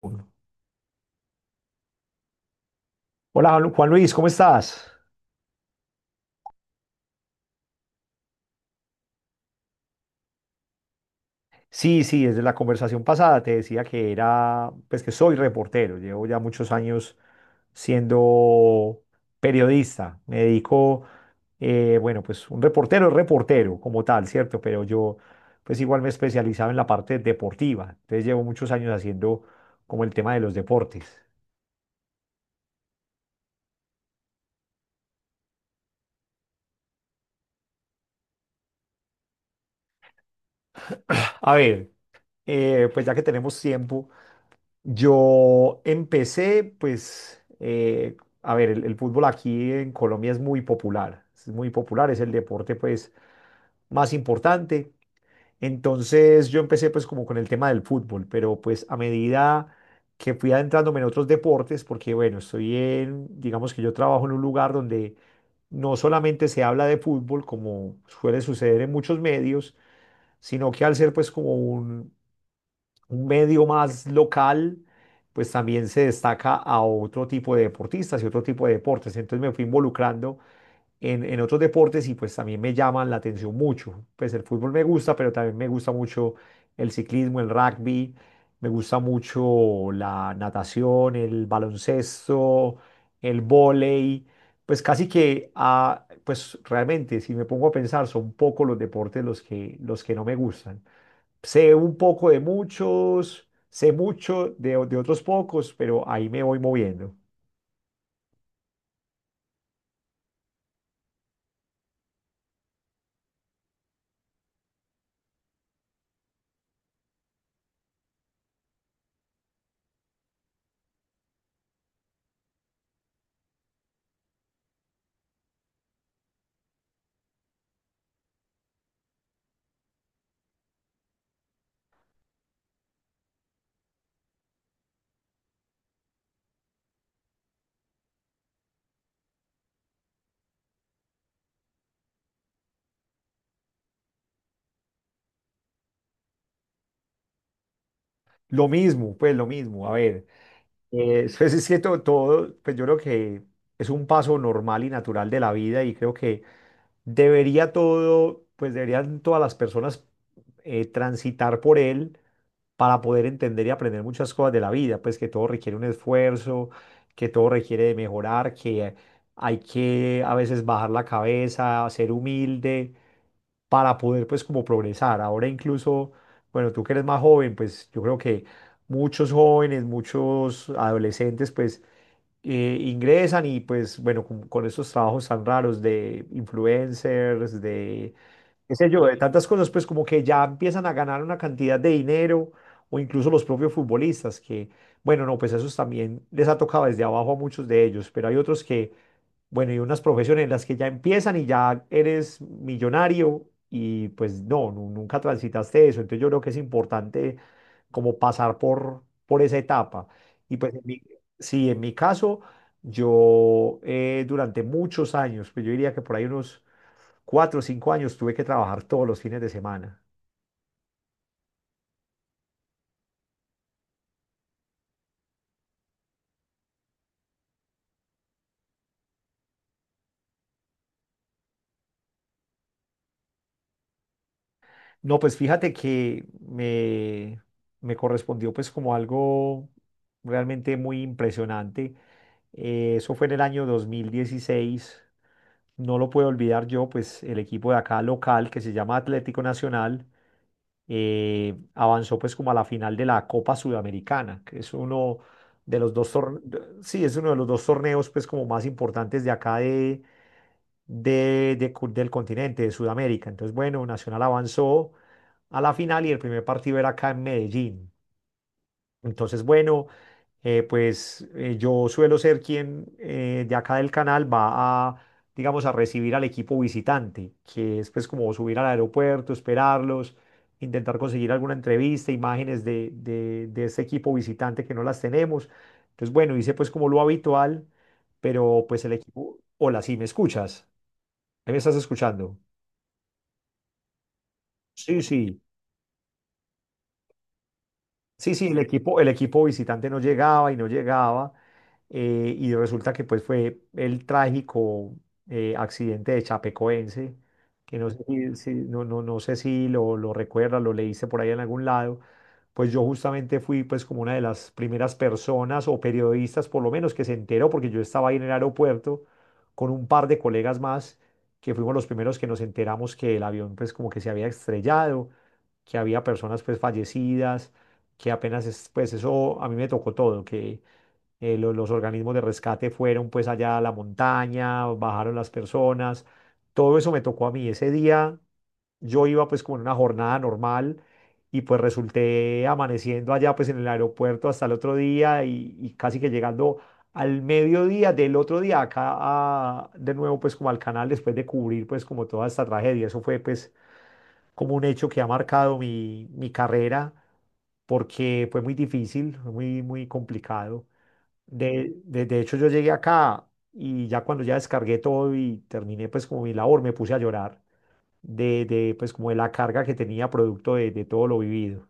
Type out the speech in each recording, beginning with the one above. Uno. Hola Juan Luis, ¿cómo estás? Sí, sí, desde la conversación pasada te decía que era, pues que soy reportero, llevo ya muchos años siendo periodista, me dedico, bueno, pues un reportero es reportero como tal, ¿cierto? Pero yo pues igual me especializaba en la parte deportiva, entonces llevo muchos años haciendo como el tema de los deportes. A ver, pues ya que tenemos tiempo. Yo empecé, pues, a ver, el fútbol aquí en Colombia es muy popular, es muy popular, es el deporte, pues, más importante. Entonces yo empecé pues como con el tema del fútbol, pero pues a medida que fui adentrándome en otros deportes, porque bueno, estoy en, digamos que yo trabajo en un lugar donde no solamente se habla de fútbol, como suele suceder en muchos medios, sino que al ser pues como un medio más local, pues también se destaca a otro tipo de deportistas y otro tipo de deportes. Entonces me fui involucrando en otros deportes y pues también me llaman la atención mucho. Pues el fútbol me gusta, pero también me gusta mucho el ciclismo, el rugby, me gusta mucho la natación, el baloncesto, el vóley. Pues casi que, ah, pues realmente, si me pongo a pensar, son pocos los deportes los que no me gustan. Sé un poco de muchos, sé mucho de, de otros pocos, pero ahí me voy moviendo. Lo mismo, pues lo mismo. A ver, pues es que todo, pues yo creo que es un paso normal y natural de la vida y creo que debería todo, pues deberían todas las personas transitar por él para poder entender y aprender muchas cosas de la vida, pues que todo requiere un esfuerzo, que todo requiere de mejorar, que hay que a veces bajar la cabeza, ser humilde para poder pues como progresar. Ahora incluso, bueno, tú que eres más joven, pues yo creo que muchos jóvenes, muchos adolescentes pues ingresan y pues bueno, con estos trabajos tan raros de influencers, de qué sé yo, de tantas cosas pues como que ya empiezan a ganar una cantidad de dinero o incluso los propios futbolistas que, bueno, no, pues esos también les ha tocado desde abajo a muchos de ellos, pero hay otros que bueno, y unas profesiones en las que ya empiezan y ya eres millonario y pues no, nunca transitaste eso. Entonces yo creo que es importante como pasar por esa etapa. Y pues en mi, sí, en mi caso, yo durante muchos años, pues yo diría que por ahí unos 4 o 5 años tuve que trabajar todos los fines de semana. No, pues fíjate que me correspondió pues como algo realmente muy impresionante. Eso fue en el año 2016. No lo puedo olvidar yo, pues el equipo de acá local que se llama Atlético Nacional avanzó pues como a la final de la Copa Sudamericana, que es uno, de los dos torneos, sí, es uno de los dos torneos pues como más importantes de acá de, del continente, de Sudamérica. Entonces, bueno, Nacional avanzó a la final y el primer partido era acá en Medellín. Entonces, bueno, yo suelo ser quien de acá del canal va a, digamos, a recibir al equipo visitante, que es pues como subir al aeropuerto, esperarlos, intentar conseguir alguna entrevista, imágenes de, de ese equipo visitante que no las tenemos. Entonces, bueno, hice pues como lo habitual, pero pues el equipo, hola, sí, ¿me escuchas? ¿Ahí ¿me estás escuchando? Sí, sí. Sí, sí, el equipo visitante no llegaba y no llegaba, y resulta que pues fue el trágico accidente de Chapecoense, que no sé si, no, no, no sé si lo, lo recuerdas, lo leíste por ahí en algún lado, pues yo justamente fui pues como una de las primeras personas o periodistas por lo menos que se enteró, porque yo estaba ahí en el aeropuerto con un par de colegas más, que fuimos los primeros que nos enteramos que el avión pues como que se había estrellado que había personas pues fallecidas que apenas es, pues eso a mí me tocó todo, que los organismos de rescate fueron pues allá a la montaña, bajaron las personas, todo eso me tocó a mí. Ese día yo iba pues como en una jornada normal y pues resulté amaneciendo allá pues en el aeropuerto hasta el otro día y casi que llegando al mediodía del otro día acá de nuevo pues como al canal después de cubrir pues como toda esta tragedia. Eso fue pues como un hecho que ha marcado mi, mi carrera porque fue muy difícil, fue muy, muy complicado. De hecho, yo llegué acá y ya cuando ya descargué todo y terminé pues como mi labor, me puse a llorar de pues como de la carga que tenía producto de todo lo vivido.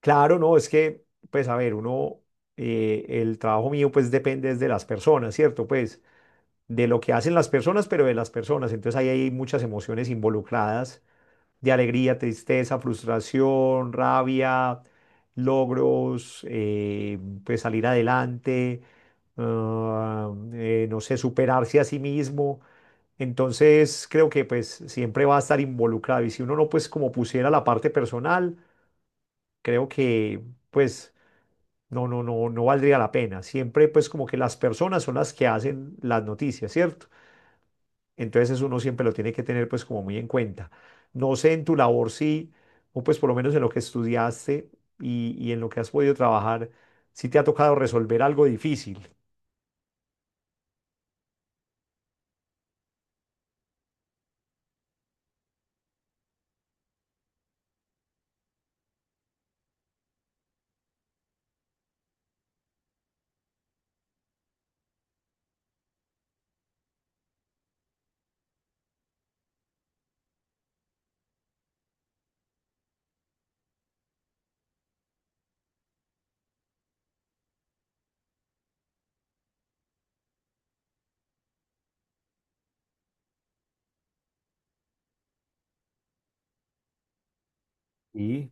Claro, no, es que pues a ver, uno, el trabajo mío pues depende es de las personas, ¿cierto? Pues de lo que hacen las personas, pero de las personas. Entonces ahí hay muchas emociones involucradas de alegría, tristeza, frustración, rabia, logros, pues salir adelante, ah, no sé, superarse a sí mismo. Entonces creo que pues siempre va a estar involucrado y si uno no pues como pusiera la parte personal, creo que pues no, no valdría la pena. Siempre pues como que las personas son las que hacen las noticias, ¿cierto? Entonces eso uno siempre lo tiene que tener pues como muy en cuenta. No sé en tu labor sí, o pues por lo menos en lo que estudiaste y en lo que has podido trabajar, si te ha tocado resolver algo difícil. Sí,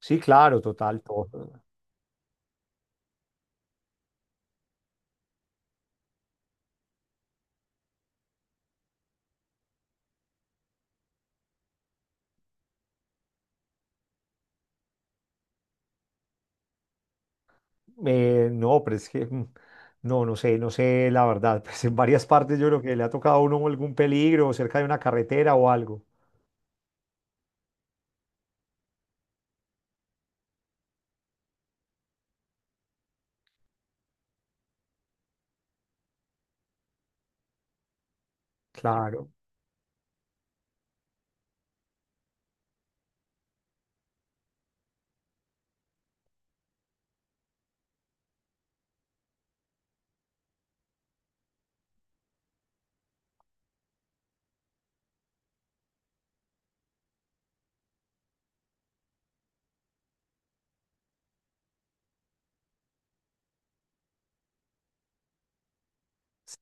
sí, claro, total, todo. No, pero es que no, no sé, no sé la verdad. Pues en varias partes yo creo que le ha tocado a uno algún peligro cerca de una carretera o algo. Claro.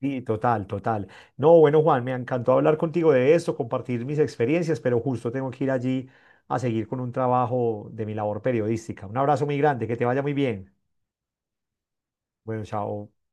Sí, total, total. No, bueno, Juan, me encantó hablar contigo de esto, compartir mis experiencias, pero justo tengo que ir allí a seguir con un trabajo de mi labor periodística. Un abrazo muy grande, que te vaya muy bien. Bueno, chao.